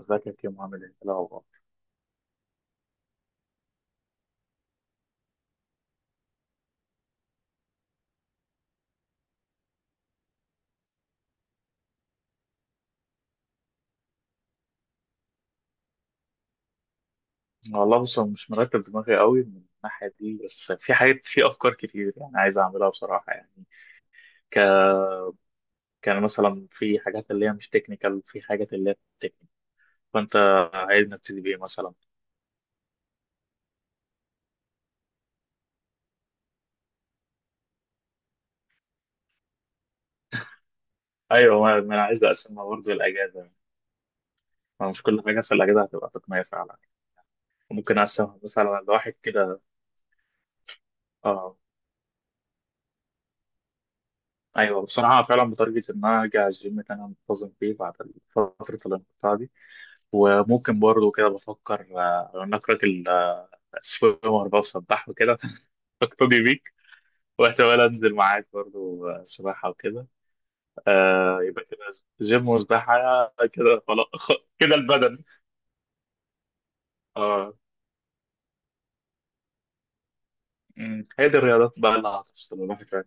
ازيك يا عامل ايه؟ لا والله. والله بص، أنا مش مرتب دماغي قوي من الناحيه دي، بس في حاجات، في افكار كتير يعني عايز اعملها بصراحه يعني. ك... كان مثلا في حاجات اللي هي مش تكنيكال، في حاجات اللي هي تكنيكال. فانت عايز نبتدي بايه مثلا؟ ايوه، ما انا عايز اقسمها برضه الاجازه، ما مش كل حاجه في الاجازه هتبقى تقنيه فعلا. ممكن اقسمها مثلا لواحد كده. اه، ايوه بصراحه فعلا بتارجت ان انا ارجع الجيم اللي انا منتظم فيه بعد فتره الانقطاع دي. وممكن برضه كده بفكر نقرة سباحة، وأربعة سباح وكده. أقتدي بيك، واحتمال أنزل معاك برضو سباحة وكده. آه يبقى كده، جيم وسباحة. كده خلاص. كده البدن. اه. هي دي الرياضات بقى اللي هتفصل الواحد فعلا.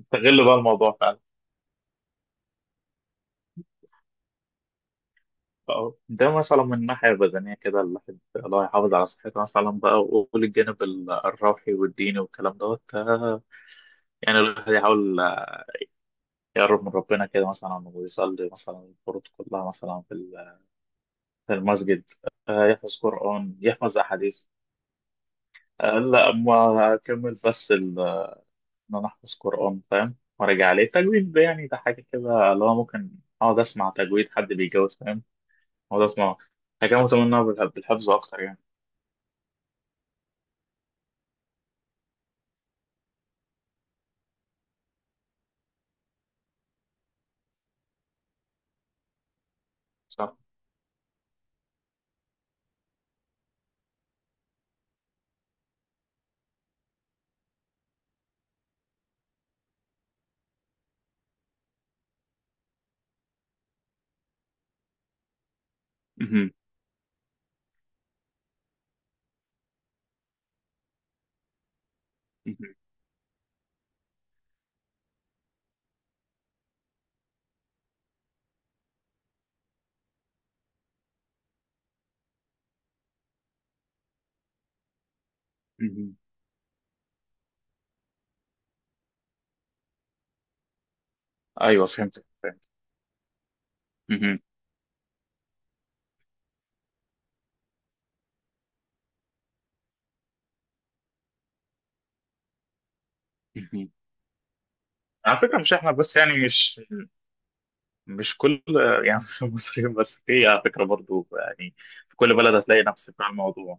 استغل بقى الموضوع فعلا. اه، ده مثلا من الناحية البدنية كده الواحد، الله يحافظ على صحته مثلا بقى، وقول الجانب الروحي والديني والكلام دوت. يعني الواحد يحاول يقرب من ربنا كده مثلا، ويصلي مثلا الفروض كلها مثلا المسجد. يحفظ قرآن، يحفظ أحاديث. آه، لا ما أكمل، بس إن أنا أحفظ قرآن فاهم، وأرجع عليه التجويد ده، يعني ده حاجة كده اللي هو ممكن أقعد أسمع تجويد حد بيجوز فاهم، أقعد أسمع حاجة متمنة بالحفظ أكتر يعني. صح. مهم. مهم. مهم. أيوه فهمت فهمت. مهم. مهم. على فكرة مش إحنا بس يعني، مش كل يعني، مش المصريين بس في على فكرة برضو يعني، في كل بلد هتلاقي نفس بتاع الموضوع.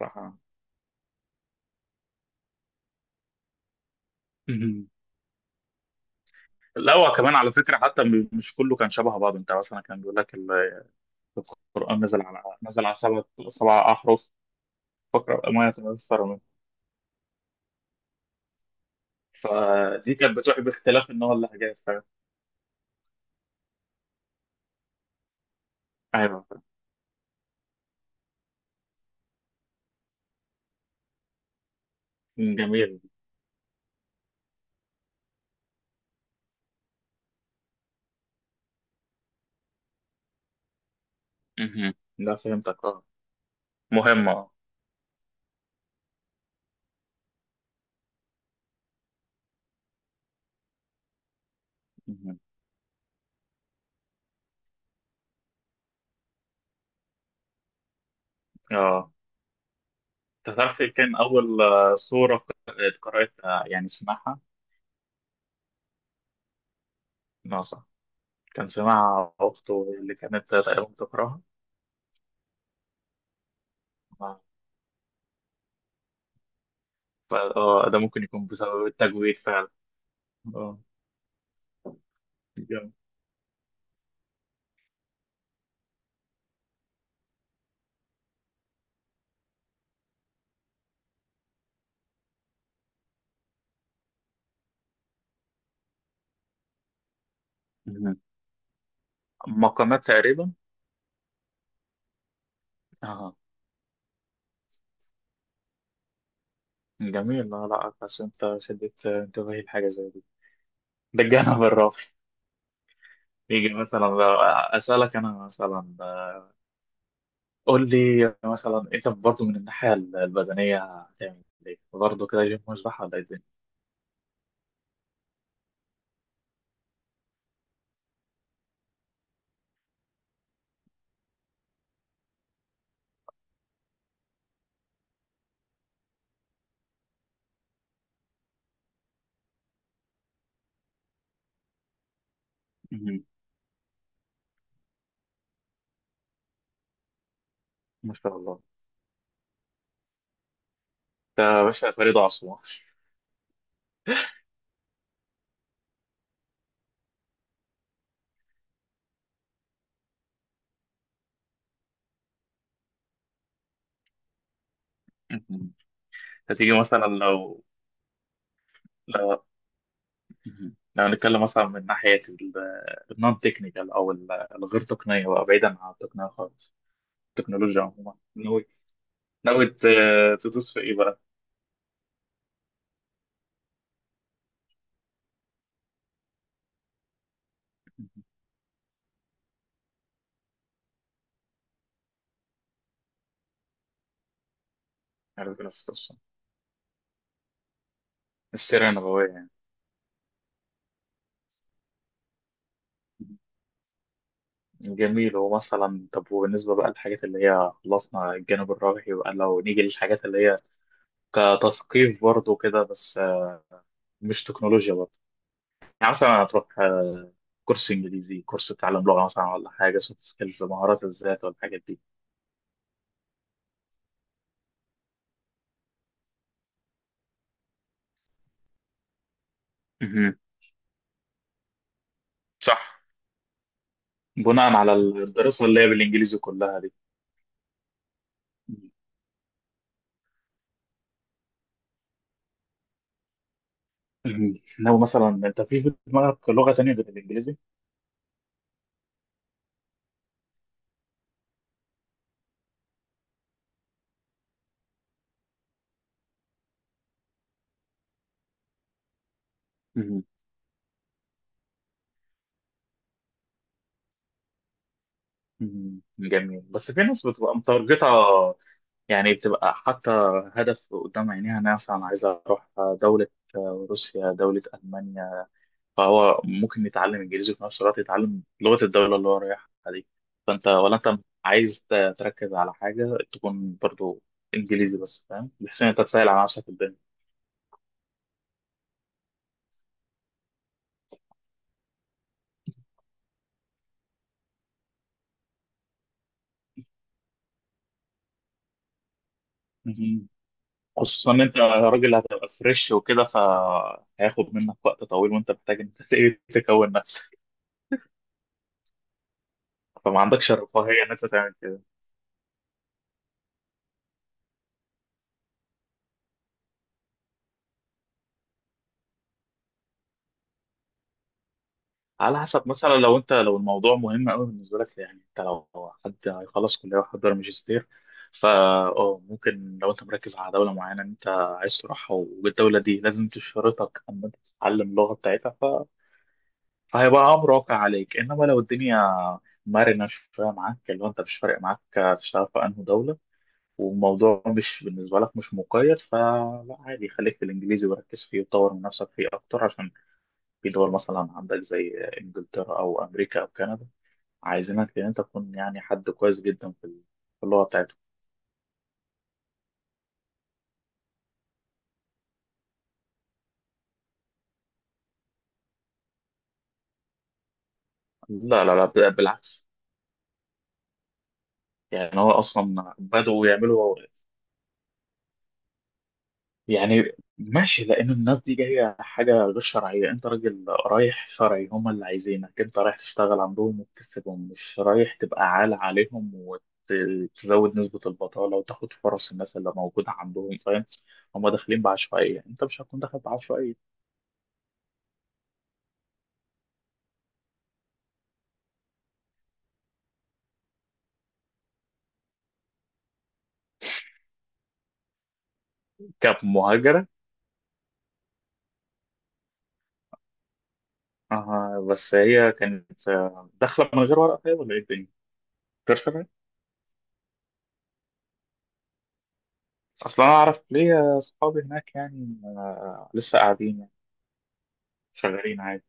صح. لا، هو كمان على فكرة، حتى مش كله كان شبه بعض، انت مثلا كان بيقول لك القرآن نزل على سبع أحرف، فاقرأ ما يتيسر منه. فدي كانت بتروح باختلاف النوع اللي حاجات فاهم. أيوه فاهم. جميل. مهم. لا فهمتك، اه. مهمة، اه. مهم. اه، انت تعرف ايه كان أول سورة قرأتها يعني سمعها ناصح؟ كان سمعها أخته اللي كانت تقريبا بتقرأها. اه ده ممكن يكون بسبب التجويد فعلا. اه، جامد. مقامات تقريبا. اه، جميل. لا لا، بس انت شدت انتباهي لحاجه زي دي. ده الجانب الراقي. يجي مثلا بقى اسالك انا مثلا، قول لي مثلا انت برضه من الناحيه البدنيه هتعمل ايه برضه كده، جيم، مسبح، ولا ايه الدنيا؟ مهم. ما شاء الله، ده يا باشا فريد عصمه. مهم. هتيجي مثلا لو، مهم. لو نتكلم مثلا من ناحيه النون تكنيكال او الغير تقنيه بقى، بعيدا عن التقنيه خالص، التكنولوجيا عموما، ناوي تدوس في ايه بقى؟ عارف نفس القصة، السيرة النبوية يعني. جميل. هو مثلا طب، وبالنسبة بقى للحاجات اللي هي خلصنا الجانب الروحي بقى، لو نيجي للحاجات اللي هي كتثقيف برضه كده، بس مش تكنولوجيا برضه، يعني مثلا هتروح كورس انجليزي، كورس تعلم لغة مثلا، ولا حاجة سوفت سكيلز، مهارات الذات والحاجات دي؟ مهم. صح، بناء على الدراسة اللي هي بالانجليزي كلها دي. مهم. لو مثلا انت، في في دماغك لغة تانية غير الانجليزي؟ مهم. مم. جميل، بس في ناس بتبقى متارجتة يعني، بتبقى حتى هدف قدام عينيها، أنا مثلا عايزة أروح دولة، روسيا، دولة ألمانيا، فهو ممكن يتعلم إنجليزي، وفي نفس الوقت يتعلم لغة الدولة اللي هو رايحها دي. فأنت، ولا أنت عايز تركز على حاجة تكون برضو إنجليزي بس، فاهم، بحيث إن أنت تسهل على نفسك الدنيا. مم. خصوصا إن أنت راجل هتبقى فريش وكده، فهياخد منك وقت طويل، وأنت محتاج إن أنت تكون نفسك، فما عندكش الرفاهية إن أنت تعمل كده. على حسب، مثلا لو انت، لو الموضوع مهم قوي بالنسبه لك، يعني انت لو حد هيخلص كليه ويحضر ماجستير، فا، اه ممكن. لو انت مركز على دوله معينه انت عايز تروحها، والدوله دي لازم تشترطك ان انت تتعلم اللغه بتاعتها، فهيبقى امر واقع عليك. انما لو الدنيا مرنه شويه معاك، اللي هو انت مش فارق معاك تشتغل في انهي دوله، والموضوع مش بالنسبه لك مش مقيد، فلا عادي، خليك في الانجليزي وركز فيه، وطور من نفسك فيه اكتر، عشان في دول مثلا عندك زي انجلترا او امريكا او كندا، عايزينك ان انت تكون يعني حد كويس جدا في اللغه بتاعتهم. لا لا لا، بالعكس. يعني هو اصلا بدأوا يعملوا يعني ماشي، لان الناس دي جايه حاجه غير شرعيه، انت راجل رايح شرعي، هم اللي عايزينك انت رايح تشتغل عندهم وتكسبهم، مش رايح تبقى عالة عليهم وتزود نسبه البطاله وتاخد فرص الناس اللي موجوده عندهم، فاهم؟ هم داخلين بعشوائيه، انت مش هتكون داخل بعشوائيه كمهاجر. آه، بس هي كانت داخلة من غير ورقة طيب، ولا إيه الدنيا؟ كرش كمان؟ أصلا أنا أعرف ليا صحابي هناك يعني، آه لسه قاعدين يعني، شغالين عادي.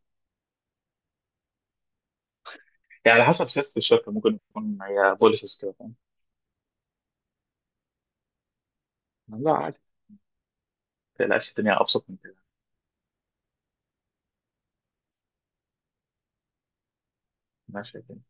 يعني على حسب سياسة الشركة، ممكن تكون هي بوليسز كده، فاهم؟ لا عادي، ما تقلقش، الدنيا أبسط من كده. ماشي الدنيا.